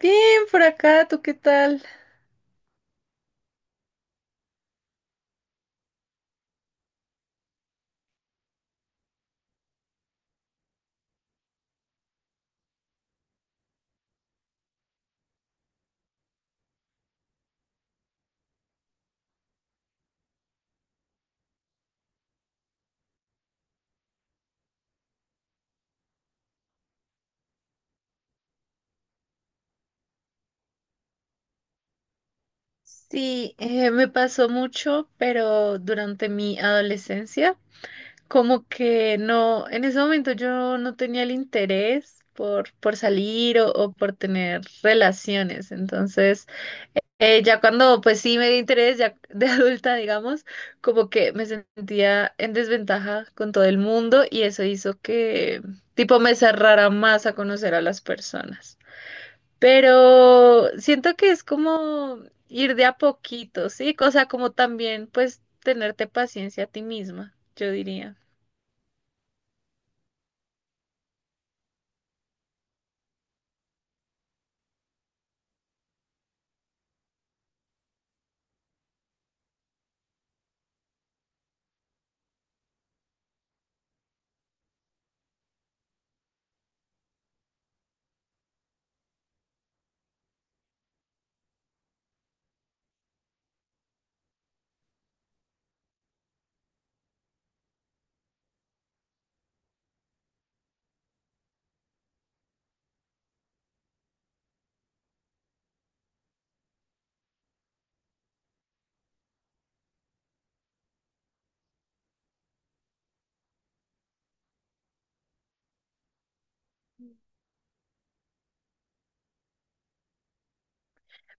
Bien, por acá, ¿tú qué tal? Sí, me pasó mucho, pero durante mi adolescencia, como que no, en ese momento yo no tenía el interés por salir o por tener relaciones. Entonces, ya cuando pues sí me di interés, ya de adulta, digamos, como que me sentía en desventaja con todo el mundo y eso hizo que tipo me cerrara más a conocer a las personas. Pero siento que es como ir de a poquito, ¿sí? O sea, como también, pues, tenerte paciencia a ti misma, yo diría.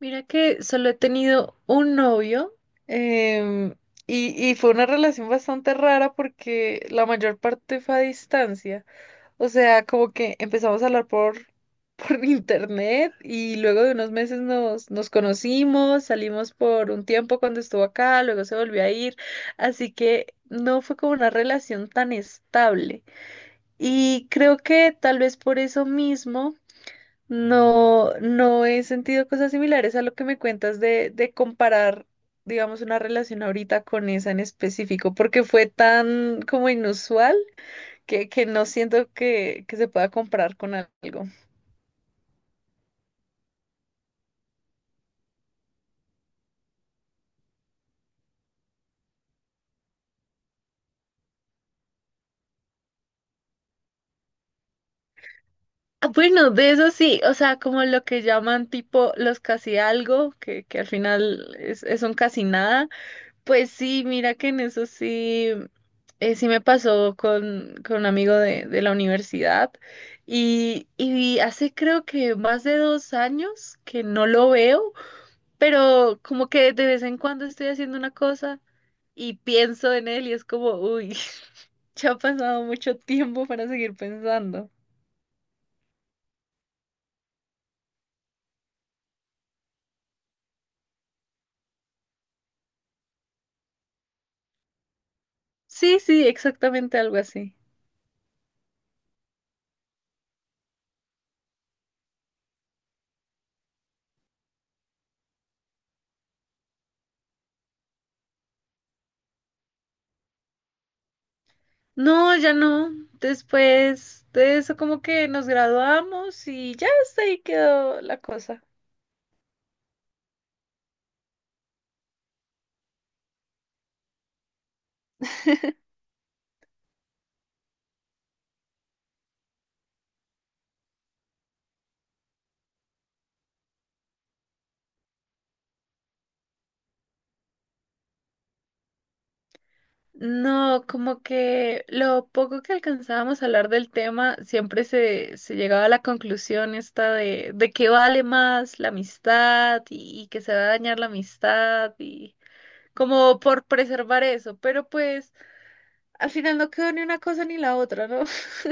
Mira que solo he tenido un novio, em, y fue una relación bastante rara porque la mayor parte fue a distancia. O sea, como que empezamos a hablar por internet y luego de unos meses nos conocimos, salimos por un tiempo cuando estuvo acá, luego se volvió a ir, así que no fue como una relación tan estable. Y creo que tal vez por eso mismo no he sentido cosas similares a lo que me cuentas de comparar, digamos, una relación ahorita con esa en específico, porque fue tan como inusual que no siento que se pueda comprar con algo. Ah, bueno, de eso sí, o sea, como lo que llaman tipo los casi algo, que al final es un casi nada, pues sí, mira que en eso sí, sí me pasó con un amigo de la universidad y hace creo que más de dos años que no lo veo, pero como que de vez en cuando estoy haciendo una cosa y pienso en él y es como, uy, ya ha pasado mucho tiempo para seguir pensando. Sí, sí, exactamente algo así. No, ya no. Después de eso como que nos graduamos y ya hasta ahí quedó la cosa. No, como que lo poco que alcanzábamos a hablar del tema, siempre se llegaba a la conclusión esta de que vale más la amistad y que se va a dañar la amistad y como por preservar eso, pero pues al final no quedó ni una cosa ni la otra, ¿no?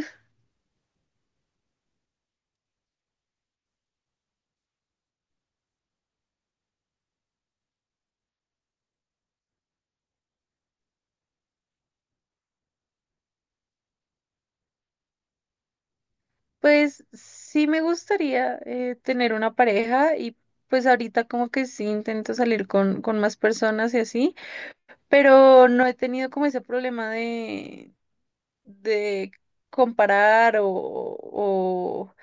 Pues sí me gustaría, tener una pareja y pues ahorita como que sí intento salir con más personas y así, pero no he tenido como ese problema de comparar o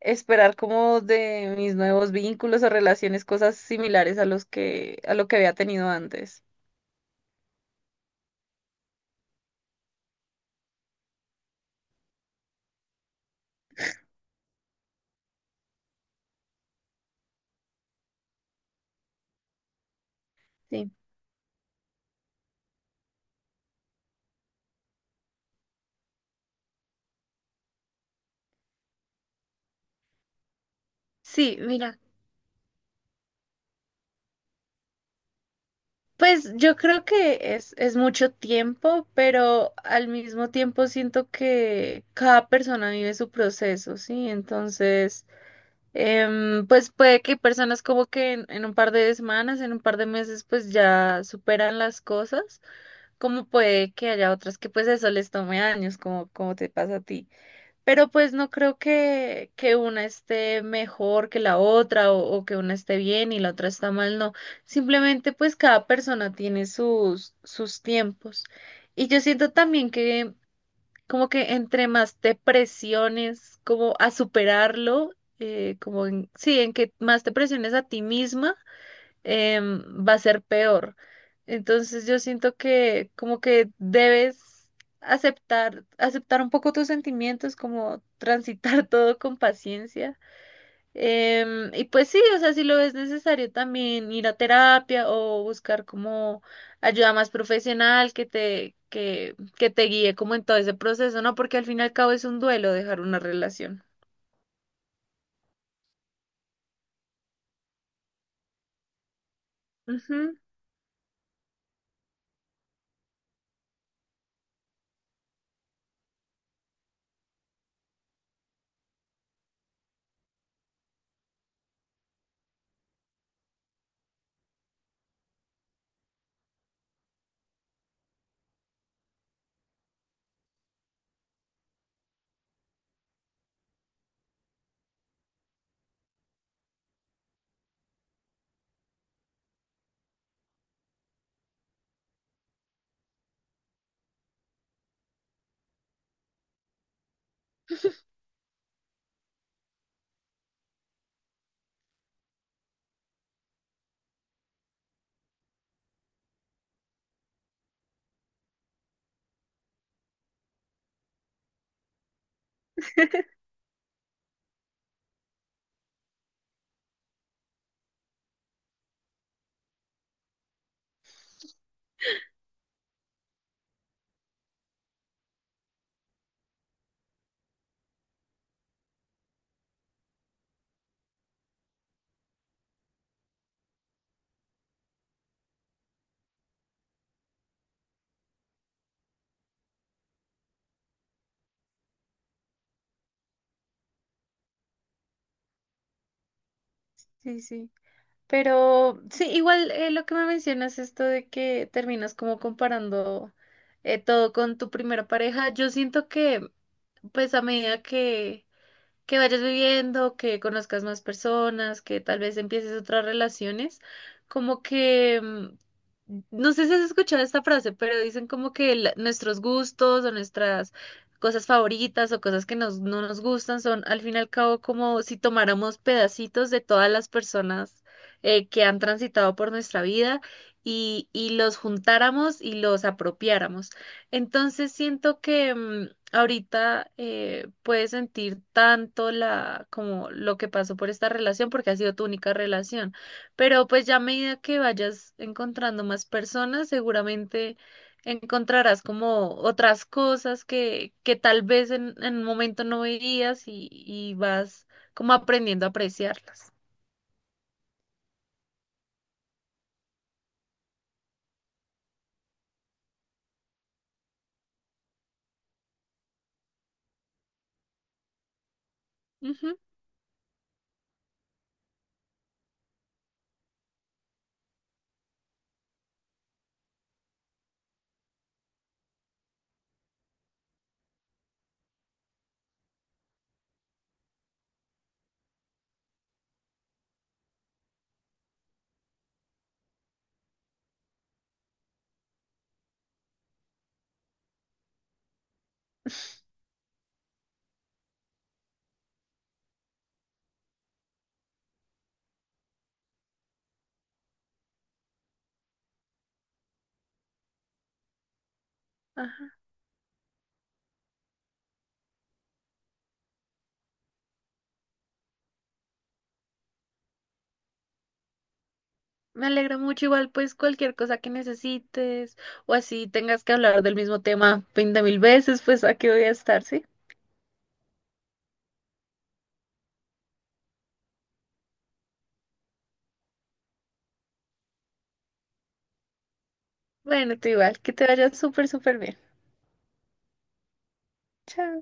esperar como de mis nuevos vínculos o relaciones cosas similares a los que a lo que había tenido antes. Sí. Sí, mira, pues yo creo que es mucho tiempo, pero al mismo tiempo siento que cada persona vive su proceso, ¿sí? Entonces, pues puede que personas como que en un par de semanas, en un par de meses, pues ya superan las cosas, como puede que haya otras que pues eso les tome años, como, como te pasa a ti. Pero pues no creo que una esté mejor que la otra o que una esté bien y la otra está mal, no. Simplemente pues cada persona tiene sus tiempos. Y yo siento también que como que entre más te presiones como a superarlo, como en, sí, en que más te presiones a ti misma, va a ser peor. Entonces yo siento que como que debes aceptar un poco tus sentimientos, como transitar todo con paciencia. Y pues sí, o sea, si lo ves necesario también ir a terapia o buscar como ayuda más profesional que te, que te guíe como en todo ese proceso, ¿no? Porque al fin y al cabo es un duelo dejar una relación. Ujú. Sí, sí. Pero sí, igual lo que me mencionas, esto de que terminas como comparando, todo con tu primera pareja, yo siento que pues a medida que vayas viviendo, que conozcas más personas, que tal vez empieces otras relaciones, como que no sé si has escuchado esta frase, pero dicen como que la- nuestros gustos o nuestras cosas favoritas o cosas que nos, no nos gustan son al fin y al cabo como si tomáramos pedacitos de todas las personas, que han transitado por nuestra vida y los juntáramos y los apropiáramos. Entonces siento que ahorita puedes sentir tanto la, como lo que pasó por esta relación porque ha sido tu única relación. Pero pues ya a medida que vayas encontrando más personas, seguramente encontrarás como otras cosas que tal vez en un momento no veías y vas como aprendiendo a apreciarlas. Ujú. Ajá. Me alegra mucho, igual pues cualquier cosa que necesites o así tengas que hablar del mismo tema 20.000 veces, pues aquí voy a estar, ¿sí? Bueno, tú igual, que te vaya súper, súper bien. Chao.